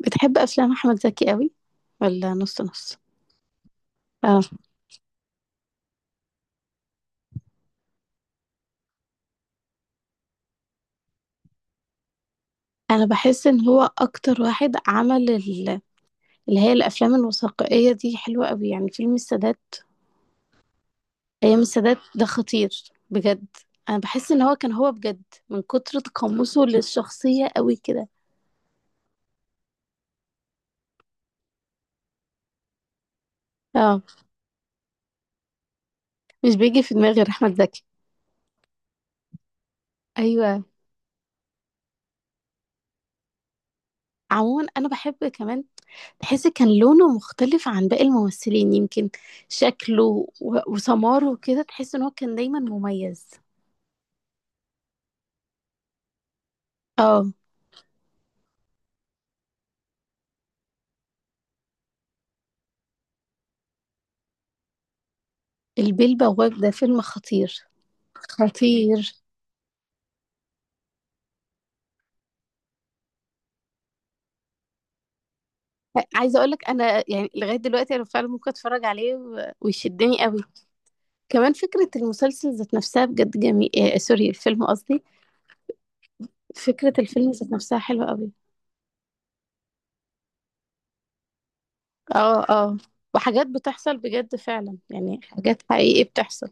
بتحب افلام احمد زكي قوي، ولا نص نص؟ اه. انا بحس ان هو اكتر واحد عمل اللي هي الافلام الوثائقيه دي حلوه قوي، يعني فيلم السادات. ايام السادات ده خطير بجد. انا بحس ان هو كان هو بجد من كتر تقمصه للشخصيه قوي كده. اه، مش بيجي في دماغي غير احمد زكي. ايوه. عموما انا بحب كمان، تحس كان لونه مختلف عن باقي الممثلين يمكن، شكله وسماره كده، تحس ان هو كان دايما مميز. اه. البيه البواق ده فيلم خطير، خطير. عايزه اقول لك انا، يعني لغايه دلوقتي انا فعلا ممكن اتفرج عليه ويشدني قوي. كمان فكره المسلسل ذات نفسها بجد جميل. سوري، الفيلم قصدي. فكره الفيلم ذات نفسها حلوه قوي. اه، اه. وحاجات بتحصل بجد فعلا، يعني حاجات حقيقيه بتحصل.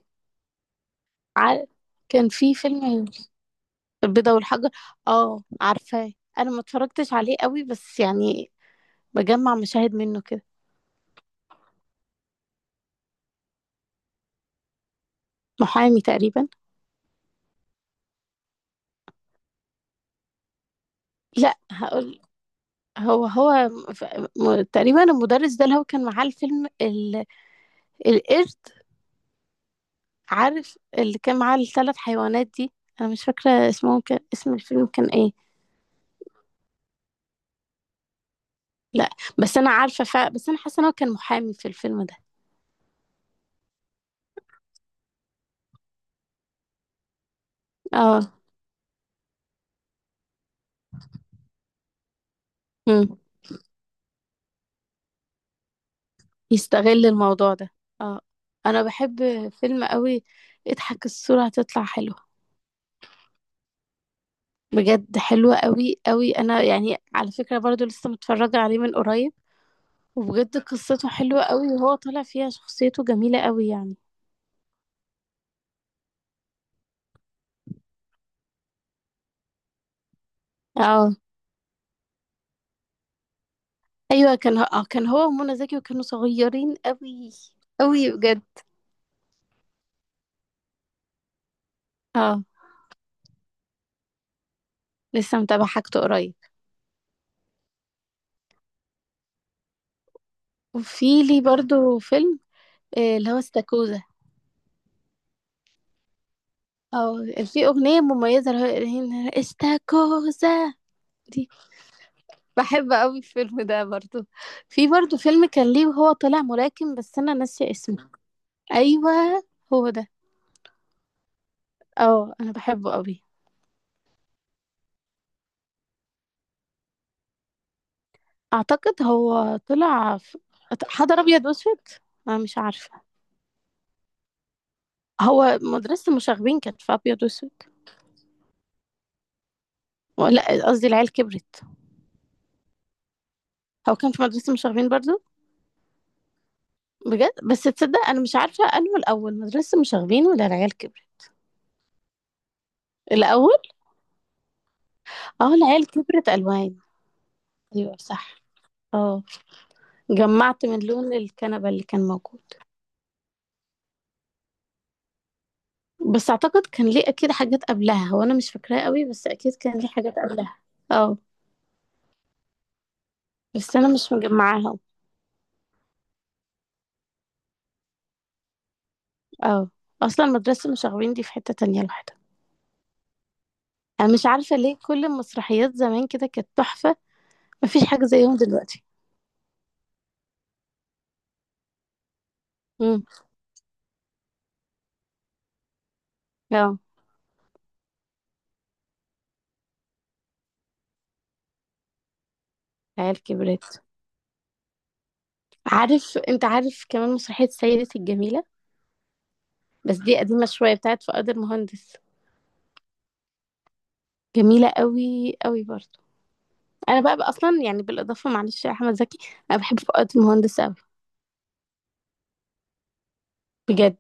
ع- كان في فيلم، البيضه والحجر. اه، عارفاه. انا ما اتفرجتش عليه قوي، بس يعني بجمع مشاهد منه كده. محامي تقريبا. لا، هقول. هو هو. ف- تقريبا المدرس ده اللي هو كان معاه الفيلم القرد. عارف اللي كان معاه الثلاث حيوانات دي. انا مش فاكره اسمه، كان اسم الفيلم كان ايه. لا، بس انا عارفه. بس انا حاسه ان هو كان محامي في الفيلم ده. اه. مم. يستغل الموضوع ده. اه. انا بحب فيلم قوي. اضحك، الصوره هتطلع حلوه. بجد حلوه قوي قوي. انا يعني على فكره برضو لسه متفرجه عليه من قريب. وبجد قصته حلوة قوي، وهو طالع فيها شخصيته جميلة قوي يعني. اه. ايوه، كان هو ومنى زكي، وكانوا صغيرين قوي قوي بجد. اه. لسه متابعة حاجته قريب. وفي لي برضو فيلم، اللي هو استاكوزا. اه. في اغنية مميزة اللي هي استاكوزا دي. بحب قوي الفيلم ده برضو. في برضو فيلم كان ليه وهو طالع ملاكم، بس انا ناسية اسمه. ايوه، هو ده. اه، انا بحبه قوي. اعتقد هو طلع في. حضر ابيض واسود. انا مش عارفة. هو مدرسة المشاغبين كانت في أبيض وأسود. لا، قصدي العيال كبرت. هو كان في مدرسة المشاغبين برضو. بجد، بس تصدق أنا مش عارفة أنه الأول مدرسة المشاغبين ولا العيال كبرت. الأول. اه. العيال كبرت ألوان. أيوة صح. اه. جمعت من لون الكنبة اللي كان موجود. بس أعتقد كان ليه أكيد حاجات قبلها، هو أنا مش فاكراه قوي، بس أكيد كان ليه حاجات قبلها. اه. بس أنا مش مجمعاهم. اه. أصلا مدرسة المشاغبين دي في حتة تانية لوحدها. أنا مش عارفة ليه كل المسرحيات زمان كده كانت تحفة. مفيش حاجة زيهم دلوقتي. امم. اه. العيال كبرت. انت عارف كمان مسرحية سيدة الجميلة، بس دي قديمة شوية بتاعت فؤاد المهندس. جميلة قوي قوي برضو. انا بقى اصلا يعني بالاضافة، معلش يا احمد زكي، انا بحب فؤاد المهندس قوي. بجد.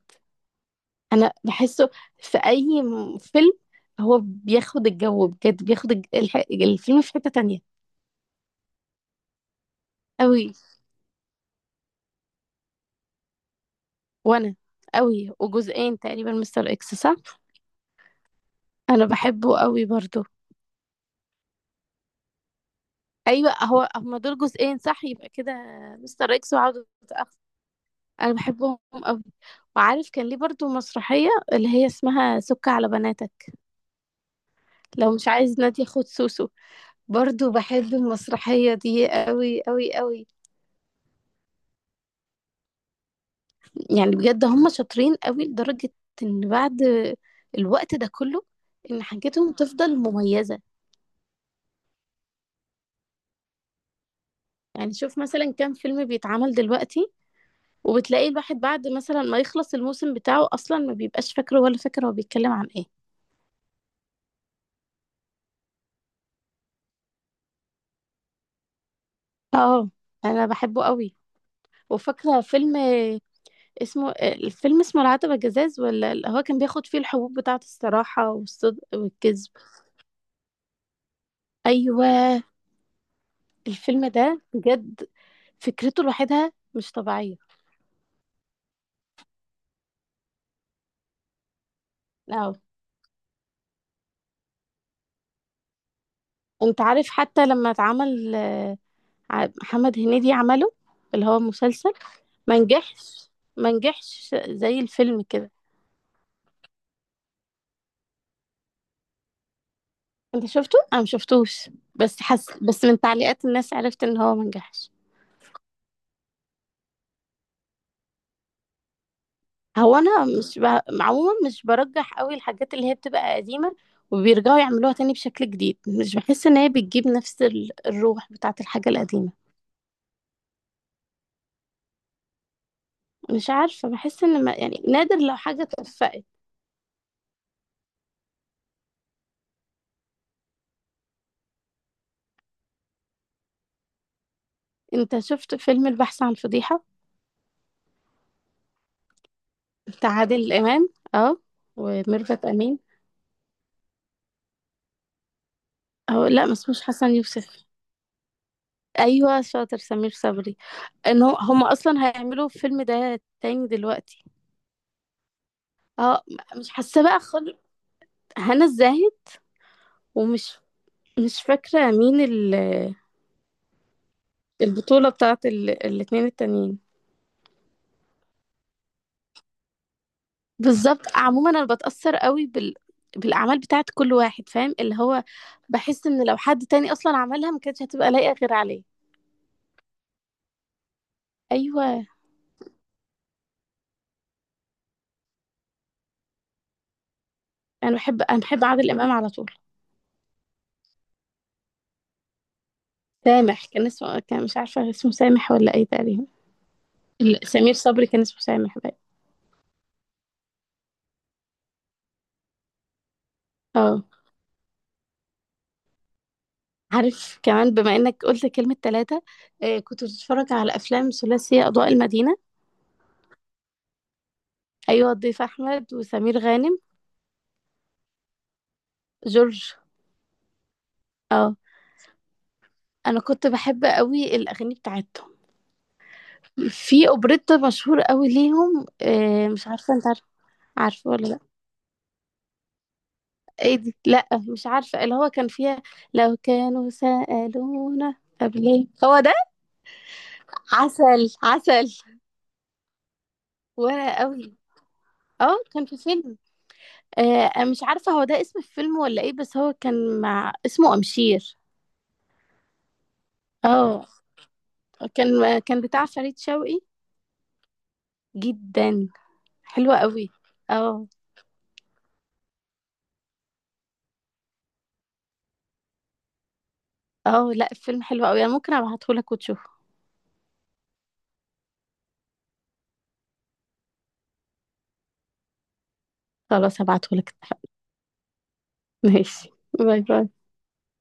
انا بحسه في اي فيلم هو بياخد الجو، بجد بياخد الفيلم في حتة تانية. قوي. وانا قوي، وجزئين تقريبا مستر اكس صح. انا بحبه قوي برضو. ايوه، هو هما دول جزئين صح، يبقى كده مستر اكس وعودة اخ. انا بحبهم قوي. وعارف كان ليه برضو مسرحية اللي هي اسمها سك على بناتك، لو مش عايز نادية خد سوسو. برضو بحب المسرحية دي قوي قوي قوي. يعني بجد هما شاطرين قوي لدرجة ان بعد الوقت ده كله، ان حاجتهم تفضل مميزة. يعني شوف مثلا كام فيلم بيتعمل دلوقتي، وبتلاقي الواحد بعد مثلا ما يخلص الموسم بتاعه اصلا ما بيبقاش فاكره ولا فاكر هو بيتكلم عن ايه. اه، انا بحبه قوي. وفاكره فيلم، الفيلم اسمه العتبة جزاز، ولا اللي هو كان بياخد فيه الحبوب بتاعة الصراحة والصدق والكذب. ايوه. الفيلم ده بجد فكرته لوحدها مش طبيعية. اه. انت عارف حتى لما اتعمل، محمد هنيدي عمله اللي هو مسلسل. ما نجحش. ما نجحش زي الفيلم كده. انت شفته؟ انا ما شفتوش، بس حس بس من تعليقات الناس عرفت ان هو ما نجحش. هو انا مش. عموما مش برجح قوي الحاجات اللي هي بتبقى قديمه، وبيرجعوا يعملوها تاني بشكل جديد. مش بحس ان هي بتجيب نفس الروح بتاعت الحاجه القديمه. مش عارفه، بحس ان ما... يعني نادر لو حاجه اتوفقت. انت شفت فيلم البحث عن فضيحه، بتاع عادل امام. اه، وميرفت امين. اه، لا ما اسموش حسن يوسف. ايوه شاطر، سمير صبري. ان هو هم اصلا هيعملوا الفيلم ده تاني دلوقتي. اه. مش حاسه بقى خالص. هنا الزاهد. ومش مش فاكرة مين البطولة بتاعت الاتنين التانيين. بالظبط. عموما انا بتأثر قوي بالاعمال بتاعت كل واحد، فاهم اللي هو بحس ان لو حد تاني اصلا عملها ما كانتش هتبقى لايقة غير عليه. ايوه. انا بحب عادل امام على طول. سامح كان اسمه، كان مش عارفة اسمه سامح ولا ايه تقريبا. سمير صبري كان اسمه سامح بقى. اه. عارف كمان بما انك قلت كلمة ثلاثة، كنت بتتفرج على افلام ثلاثية اضواء المدينة. ايوه، ضيف احمد وسمير غانم. جورج. اه. انا كنت بحب قوي الاغاني بتاعتهم. في اوبريتا مشهور قوي ليهم، مش عارفه انت عارفه؟ عارفه ولا لا. ايه دي؟ لا، مش عارفه اللي هو كان فيها لو كانوا سالونا طب ليه هو ده. عسل عسل. وانا قوي. اه، كان في فيلم، آه أنا مش عارفه هو ده اسم الفيلم ولا ايه، بس هو كان مع اسمه امشير. اه. كان بتاع فريد شوقي. جدا حلوه قوي. اه، اه. لا، الفيلم حلو قوي، انا ممكن ابعته لك وتشوفه. خلاص هبعته لك. ماشي. باي باي.